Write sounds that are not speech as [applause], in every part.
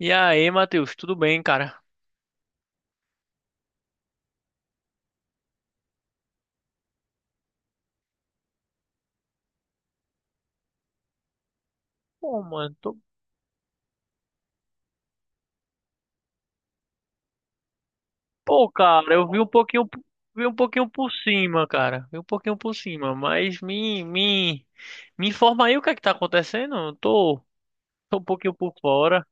E aí, Matheus, tudo bem, cara? Pô, mano, tô... Pô, cara, eu vi um pouquinho por cima, cara. Vi um pouquinho por cima, mas me informa aí o que é que tá acontecendo. Eu tô, tô um pouquinho por fora.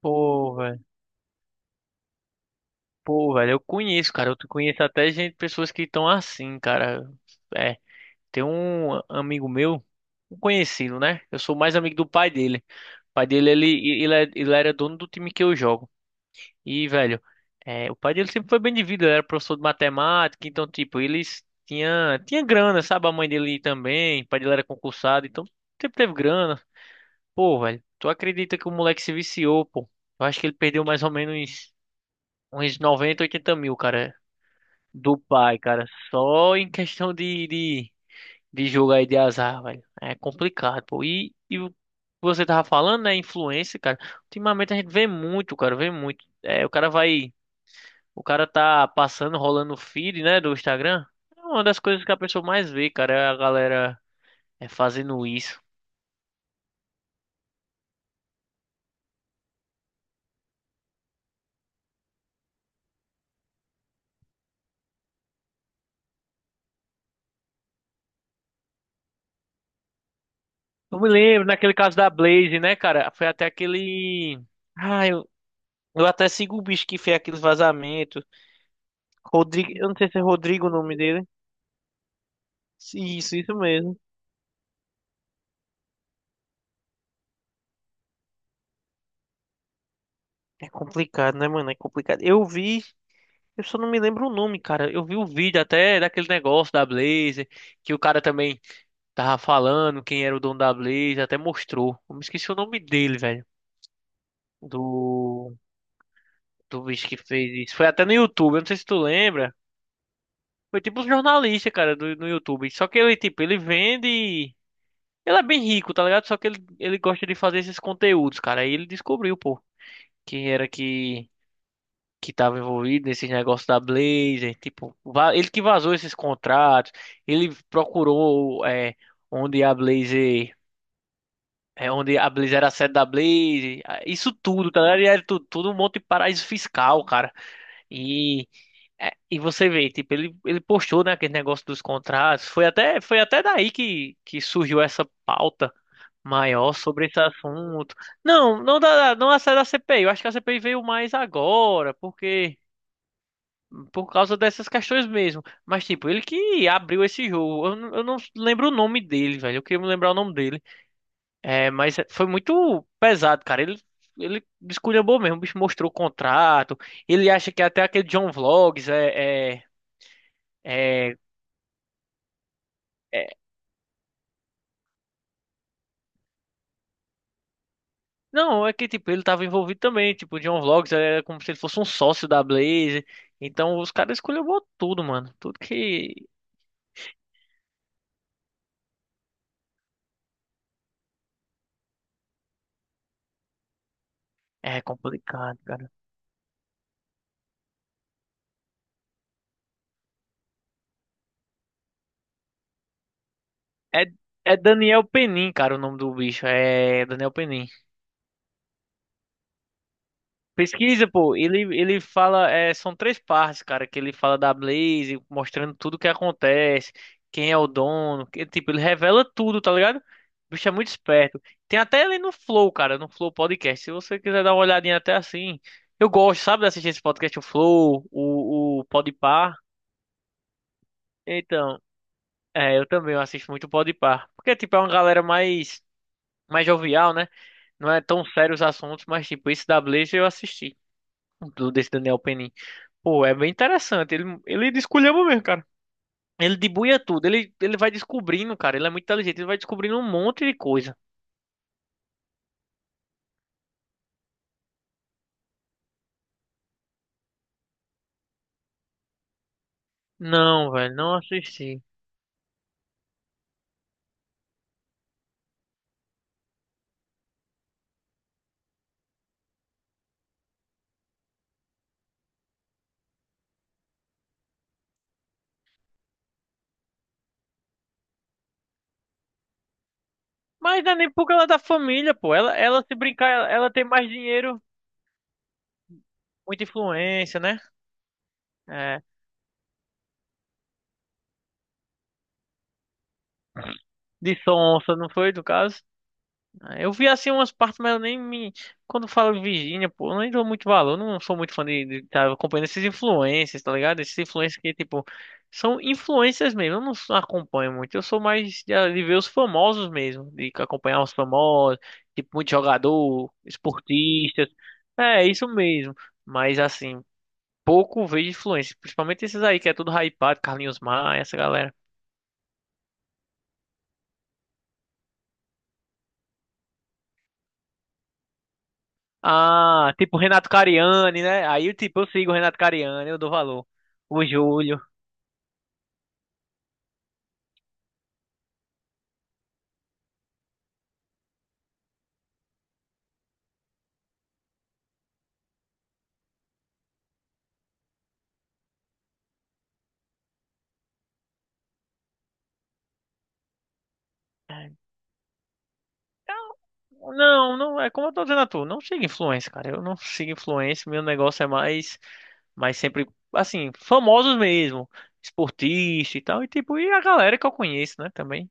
Pô, velho. Pô, velho, eu conheço, cara. Eu conheço até gente, pessoas que estão assim, cara. É, tem um amigo meu, um conhecido, né? Eu sou mais amigo do pai dele. O pai dele, ele era dono do time que eu jogo. E, velho, é, o pai dele sempre foi bem de vida, ele era professor de matemática, então, tipo, eles tinha grana, sabe? A mãe dele também, o pai dele era concursado, então sempre teve grana. Pô, velho, tu acredita que o moleque se viciou, pô? Eu acho que ele perdeu mais ou menos uns 90, 80 mil, cara, do pai, cara, só em questão de jogo aí de azar, velho. É complicado, pô. E o que você tava falando, né? Influência, cara. Ultimamente a gente vê muito, cara, vê muito. É, o cara vai. O cara tá passando, rolando o feed, né, do Instagram. É uma das coisas que a pessoa mais vê, cara, é a galera é fazendo isso. Eu me lembro, naquele caso da Blaze, né, cara? Foi até aquele. Ah, eu até sigo o bicho que fez aqueles vazamentos. Rodrigo, eu não sei se é Rodrigo o nome dele. Isso mesmo. É complicado, né, mano? É complicado. Eu vi, eu só não me lembro o nome, cara. Eu vi o vídeo até daquele negócio da Blazer, que o cara também tava falando quem era o dono da Blazer, até mostrou. Eu me esqueci o nome dele, velho. Do, do bicho que fez isso. Foi até no YouTube, eu não sei se tu lembra. Foi tipo um jornalista, cara, do, no YouTube. Só que ele, tipo, ele vende. Ele é bem rico, tá ligado? Só que ele gosta de fazer esses conteúdos, cara. Aí ele descobriu, pô, quem era que estava envolvido nesses negócios da Blazer, tipo, ele que vazou esses contratos, ele procurou é, onde a Blazer, é, onde a Blazer era a sede da Blazer, ah, isso tudo, tá ligado? E era tudo, tudo um monte de paraíso fiscal, cara. E, é, e você vê, tipo, ele postou, né, aquele negócio dos contratos, foi até daí que surgiu essa pauta maior sobre esse assunto. Não, não da, não a série da CPI. Eu acho que a CPI veio mais agora, porque por causa dessas questões mesmo. Mas, tipo, ele que abriu esse jogo. Eu não lembro o nome dele, velho. Eu queria me lembrar o nome dele. É, mas foi muito pesado, cara. Ele esculhambou mesmo. O bicho mostrou o contrato. Ele acha que até aquele John Vlogs é- é- não, é que, tipo, ele tava envolvido também. Tipo, o John Vlogs era como se ele fosse um sócio da Blaze. Então, os caras esculhambou tudo, mano. Tudo que... É complicado, cara. É, é Daniel Penin, cara, o nome do bicho. É Daniel Penin. Pesquisa, pô, ele fala, é, são três partes, cara, que ele fala da Blaze, mostrando tudo o que acontece, quem é o dono, que, tipo, ele revela tudo, tá ligado? O bicho é muito esperto. Tem até ele no Flow, cara, no Flow Podcast, se você quiser dar uma olhadinha até assim. Eu gosto, sabe, de assistir esse podcast, o Flow, o Podpah. Então, é, eu também eu assisto muito o Podpah, porque, tipo, é uma galera mais, mais jovial, né? Não é tão sério os assuntos, mas, tipo, esse da Blaze eu assisti, desse Daniel Penin. Pô, é bem interessante. Ele desculhamba mesmo, cara. Ele debuia tudo. Ele vai descobrindo, cara. Ele é muito inteligente. Ele vai descobrindo um monte de coisa. Não, velho, não assisti. Mas não é nem porque ela é da família, pô. Ela se brincar, ela tem mais dinheiro, muita influência, né? É, de sonsa, não foi, no caso? Ah, eu vi assim umas partes, mas eu nem me. Quando falo Virgínia, pô, eu nem dou muito valor. Eu não sou muito fã de estar acompanhando esses influencers, tá ligado? Esses influencers que, tipo, são influencers mesmo. Eu não sou- Acompanho muito. Eu sou mais de ver os famosos mesmo. De acompanhar os famosos, tipo, muito jogador, esportistas. É, isso mesmo. Mas, assim, pouco vejo influência. Principalmente esses aí, que é tudo hypado, Carlinhos Maia, essa galera. Ah, tipo Renato Cariani, né? Aí, eu, tipo, eu sigo o Renato Cariani, eu dou valor. O Júlio. Então, não, não, é como eu tô dizendo a tu, não sigo influência, cara. Eu não sigo influência, meu negócio é mais, mais sempre, assim, famosos mesmo, esportista e tal, e tipo, e a galera que eu conheço, né, também.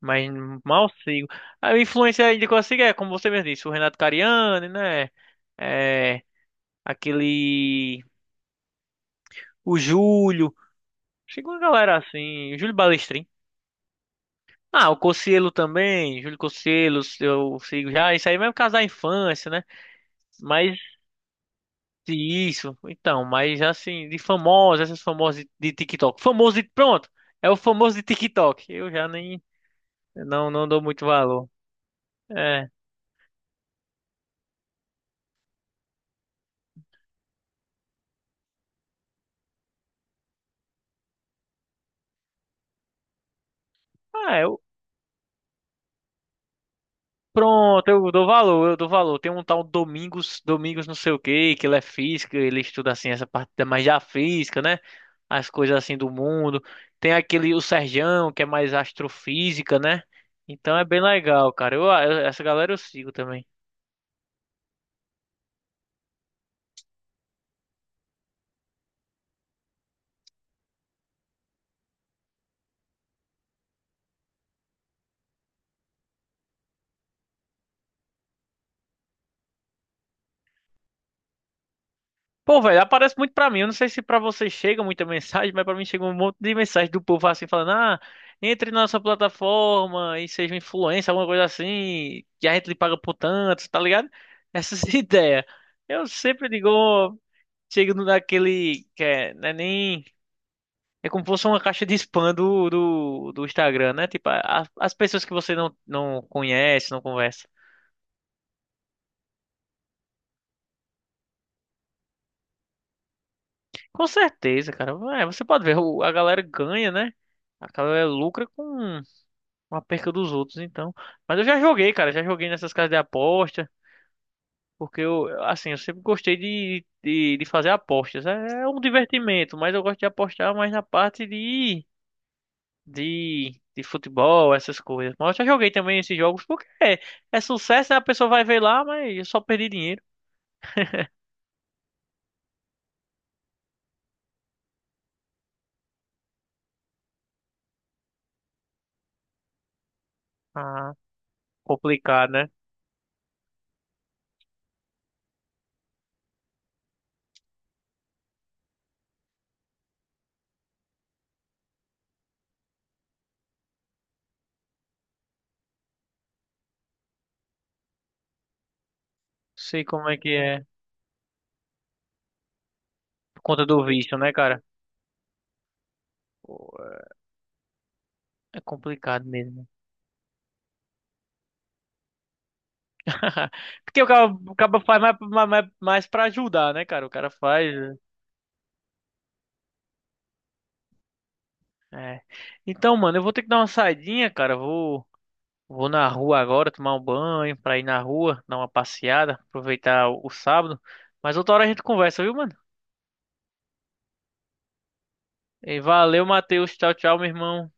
Mas mal sigo. A influência ainda que eu sigo é, como você mesmo disse, o Renato Cariani, né? É, aquele. O Júlio. Sigo uma galera assim, o Júlio Balestrin. Ah, o Cossielo também, Júlio Cossielo, eu sigo já, isso aí mesmo caso da infância, né? Mas isso, então, mas assim, de famosos, essas famosas de TikTok. Famoso de, pronto, é o famoso de TikTok. Eu já nem, não, não dou muito valor. É, ah, Pronto, eu dou valor, eu dou valor. Tem um tal Domingos, Domingos não sei o quê, que ele é física, ele estuda assim essa parte mais da física, né? As coisas assim do mundo. Tem aquele, o Serjão, que é mais astrofísica, né? Então é bem legal, cara. Essa galera eu sigo também. Pô, velho, aparece muito pra mim. Eu não sei se pra vocês chega muita mensagem, mas pra mim chega um monte de mensagem do povo assim falando: "Ah, entre na nossa plataforma e seja um influencer, alguma coisa assim, que a gente lhe paga por tanto", tá ligado? Essas [laughs] ideias. Eu sempre digo, ó, chego no- naquele que é, não é nem é como se fosse uma caixa de spam do Instagram, né? Tipo, as pessoas que você não, não conhece, não conversa. Com certeza, cara. É, você pode ver, a galera ganha, né? A galera lucra com uma perca dos outros, então. Mas eu já joguei, cara, já joguei nessas casas de aposta, porque eu, assim, eu sempre gostei de fazer apostas. É é um divertimento, mas eu gosto de apostar mais na parte de futebol, essas coisas. Mas eu já joguei também esses jogos, porque é, é sucesso, né? A pessoa vai ver lá, mas eu só perdi dinheiro. Ah, complicado, né? Sei como é que é, por conta do vício, né, cara? Pô, é complicado mesmo. [laughs] Porque o cara faz mais, mais pra ajudar, né, cara? O cara faz. É. Então, mano, eu vou ter que dar uma saidinha, cara. Vou, vou na rua agora tomar um banho, pra ir na rua, dar uma passeada, aproveitar o sábado. Mas outra hora a gente conversa, viu, mano? E valeu, Matheus. Tchau, tchau, meu irmão.